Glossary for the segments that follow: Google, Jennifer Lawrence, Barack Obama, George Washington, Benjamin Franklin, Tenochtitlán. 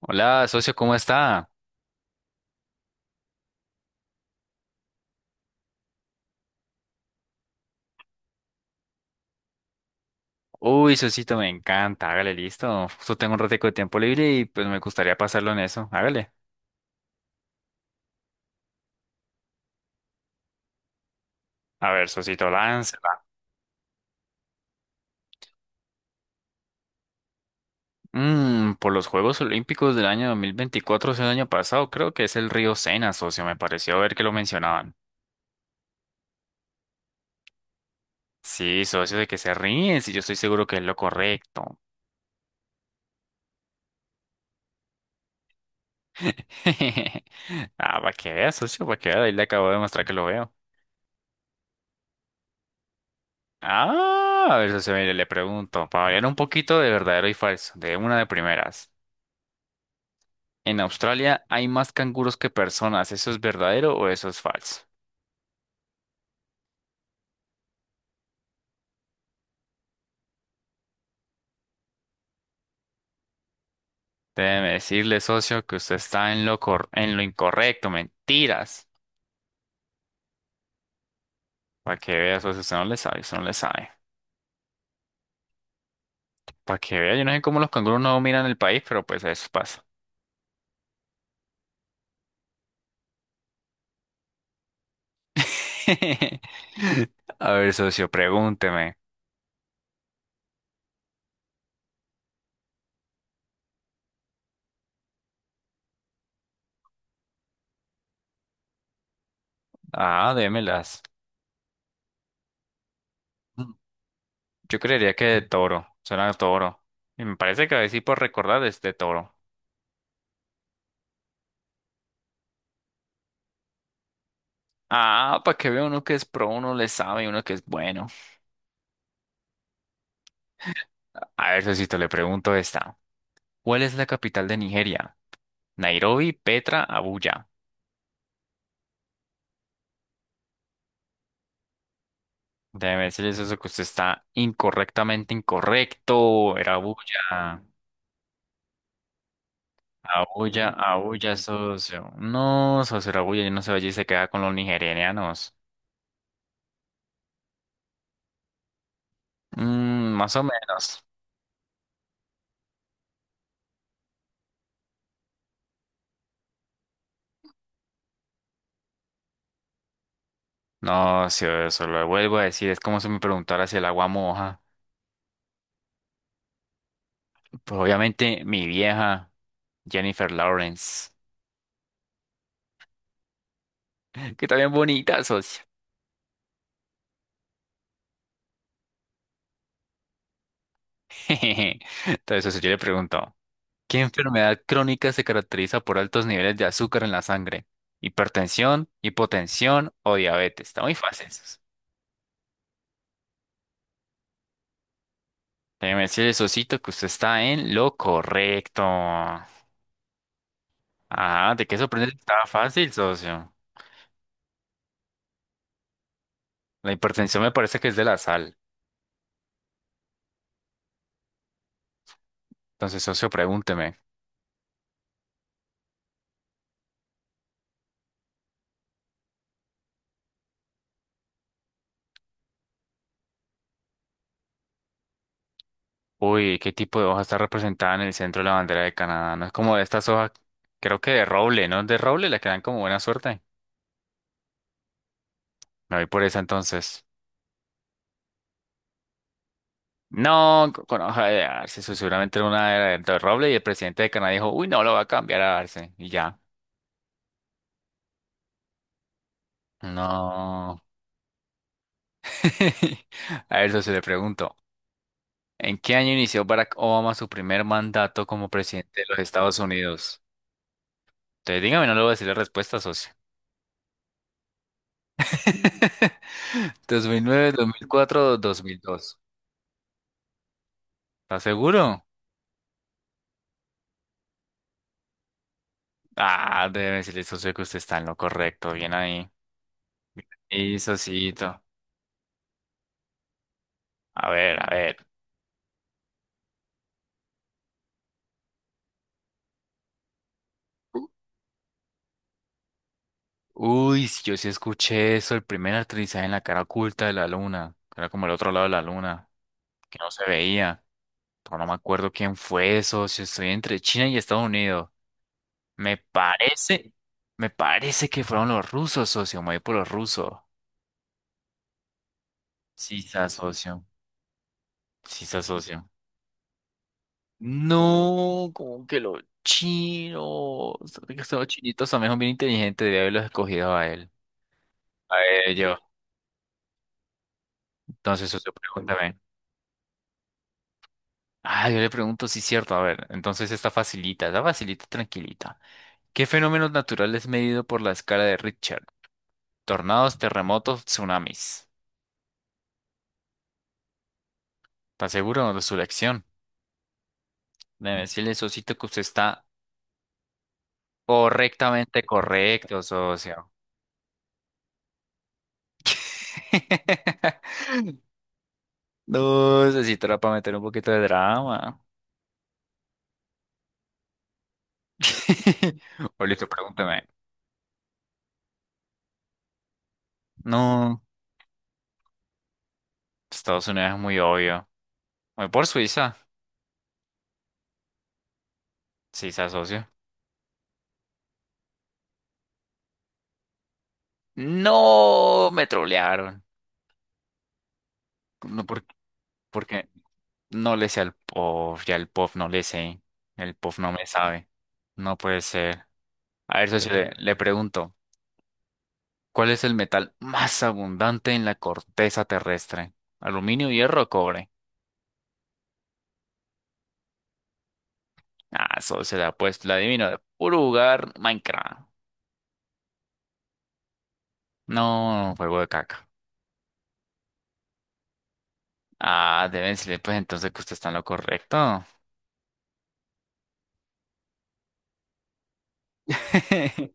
Hola, socio, ¿cómo está? Uy, socito, me encanta. Hágale, listo. Justo tengo un ratico de tiempo libre y pues me gustaría pasarlo en eso. Hágale. A ver, socito, láncela. Por los Juegos Olímpicos del año 2024, o sea, el año pasado, creo que es el río Sena, socio. Me pareció ver que lo mencionaban. Sí, socio, de que se ríen, si yo estoy seguro que es lo correcto. Ah, para que vea, socio, para que vea. Ahí le acabo de mostrar que lo veo. Ah, a ver, socio, mire, le pregunto, para variar un poquito de verdadero y falso, de una de primeras. En Australia hay más canguros que personas. ¿Eso es verdadero o eso es falso? Déjeme decirle, socio, que usted está en en lo incorrecto. Mentiras. Para que vea, socio, usted no le sabe, usted no le sabe. Para que vea, yo no sé cómo los canguros no miran el país, pero pues eso pasa. A ver, socio, pregúnteme. Ah, démelas. Mm. Yo creería que de toro. Suena a toro. Y me parece que a decir por recordar es de toro. Ah, para que vea uno que es pro, uno le sabe, uno que es bueno. A ver, Sosito, le pregunto esta. ¿Cuál es la capital de Nigeria? Nairobi, Petra, Abuya. Déjeme decirles eso que usted está incorrectamente incorrecto. Era Abuya. Abuya, Abuya, socio. No, socio, era Abuya. Yo no sé, allí se queda con los nigerianos. Mm, más o menos. No, si eso lo vuelvo a decir, es como si me preguntara si el agua moja. Pues obviamente mi vieja, Jennifer Lawrence, que está bien bonita, socio. Entonces, socio, yo le pregunto. ¿Qué enfermedad crónica se caracteriza por altos niveles de azúcar en la sangre? Hipertensión, hipotensión o diabetes. Está muy fácil eso. Déjeme decirle, Sosito, que usted está en lo correcto. Ajá, ¿de qué sorprende? Estaba fácil, socio. La hipertensión me parece que es de la sal. Entonces, socio, pregúnteme. Uy, ¿qué tipo de hoja está representada en el centro de la bandera de Canadá? No es como de estas hojas, creo que de roble, ¿no? De roble le quedan como buena suerte. Me voy por esa entonces. No, conozco a Arce, seguramente era una era de Roble y el presidente de Canadá dijo, uy, no, lo va a cambiar a Arce. Y ya. No. A ver, socio, le pregunto, ¿en qué año inició Barack Obama su primer mandato como presidente de los Estados Unidos? Entonces, dígame, no le voy a decir la respuesta, socio. 2009, 2004, 2002. ¿Estás seguro? Ah, debe decirle, socio, que usted está en lo correcto. Bien ahí. Y, socito. A ver, a ver. Uy, sí, yo sí escuché eso, el primer aterrizaje en la cara oculta de la luna, que era como el otro lado de la luna, que no se veía, pero no me acuerdo quién fue eso, si estoy entre China y Estados Unidos. Me parece, me parece que fueron los rusos, socio, me voy por los rusos. Sí se asocio, sí se asocio. No, como que los chinos, sabe que estos chinitos también son bien inteligentes, debía haberlos escogido a él. A ellos. Entonces, socio, pregúntame. Ah, yo le pregunto si es cierto. A ver, entonces está facilita tranquilita. ¿Qué fenómeno natural es medido por la escala de Richter? Tornados, terremotos, tsunamis. ¿Está seguro de su elección? Debe decirle, socito, que usted está correctamente correcto, socio. No, socito, era para meter un poquito de drama. O listo, pregúntame. No, Estados Unidos es muy obvio. Voy por Suiza. Sí, se asocio. No, me trolearon. No, por- Porque no le sé al pop, ya el pop no le sé, el pop no me sabe, no puede ser. A ver, socio, le pregunto, ¿cuál es el metal más abundante en la corteza terrestre? ¿Aluminio, hierro o cobre? Ah, socio, la puesto, la adivino de puro lugar, Minecraft. No, juego de caca. Ah, deben decirle, pues entonces que usted está en lo correcto.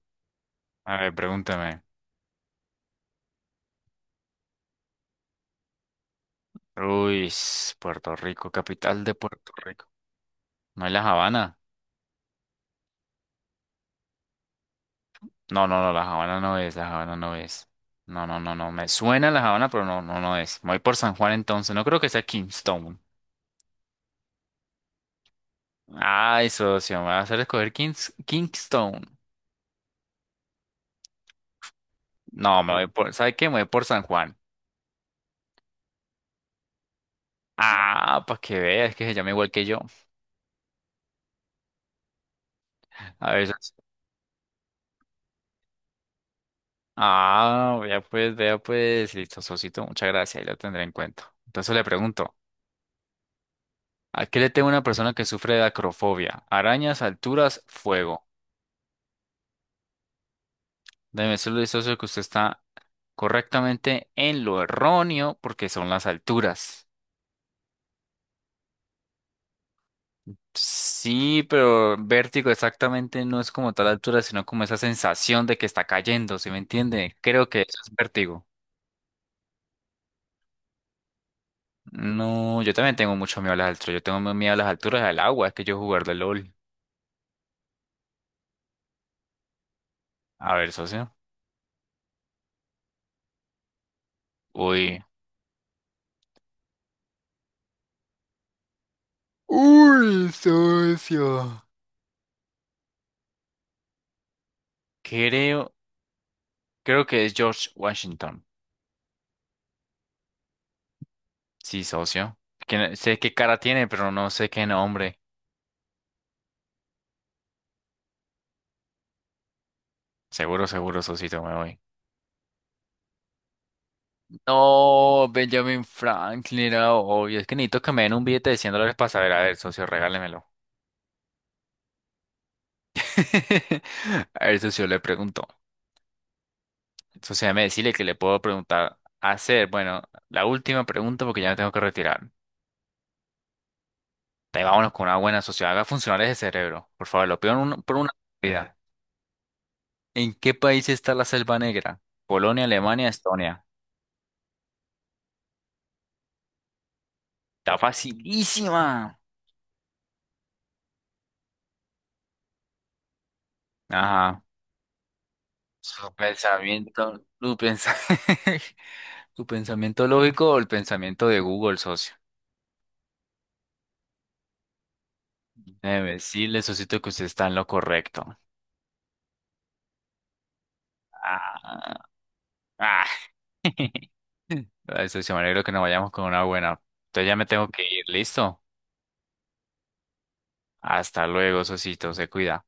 A ver, pregúntame. Uy, Puerto Rico, capital de Puerto Rico. ¿No es La Habana? No, no, no, la Habana no es, la Habana no es. No, no, no, no, me suena la Habana, pero no, no, no es. Me voy por San Juan entonces, no creo que sea Kingston. Ay, socio, me va a hacer escoger Kingston. No, me voy por, ¿sabe qué? Me voy por San Juan. Ah, para que veas que se llama igual que yo. A ver, socio. Ah, vea pues, listo, socito, muchas gracias, ahí lo tendré en cuenta. Entonces le pregunto, ¿a qué le teme una persona que sufre de acrofobia? Arañas, alturas, fuego. Déjeme decirle, socio que usted está correctamente en lo erróneo porque son las alturas. Sí, pero vértigo exactamente no es como tal altura, sino como esa sensación de que está cayendo, ¿sí me entiende? Creo que eso es vértigo. No, yo también tengo mucho miedo a las alturas. Yo tengo miedo a las alturas del agua, es que yo jugar de LOL. A ver, socio. Uy. Uy, socio. Creo, creo que es George Washington. Sí, socio. Que no- sé qué cara tiene, pero no sé qué nombre. Seguro, seguro, Sosito, me voy. No, Benjamin Franklin era obvio. Es que necesito que me den un billete de $100 para saber. A ver, socio, regálemelo. A ver, socio, le pregunto. Socio, déjame decirle que le puedo preguntar. Hacer, bueno, la última pregunta porque ya me tengo que retirar. Te vámonos con una buena socio Haga funcionar ese cerebro. Por favor, lo pido en por una vida. ¿En qué país está la Selva Negra? Polonia, Alemania, Estonia. Está facilísima. Ajá. Su pensamiento, tu pensamiento. ¿Tu pensamiento lógico o el pensamiento de Google, socio? Déjeme decirle, socito, que usted está en lo correcto. Ah, ah. Ay, socio, me alegro que nos vayamos con una buena. Entonces ya me tengo que ir, ¿listo? Hasta luego, socito, se cuida.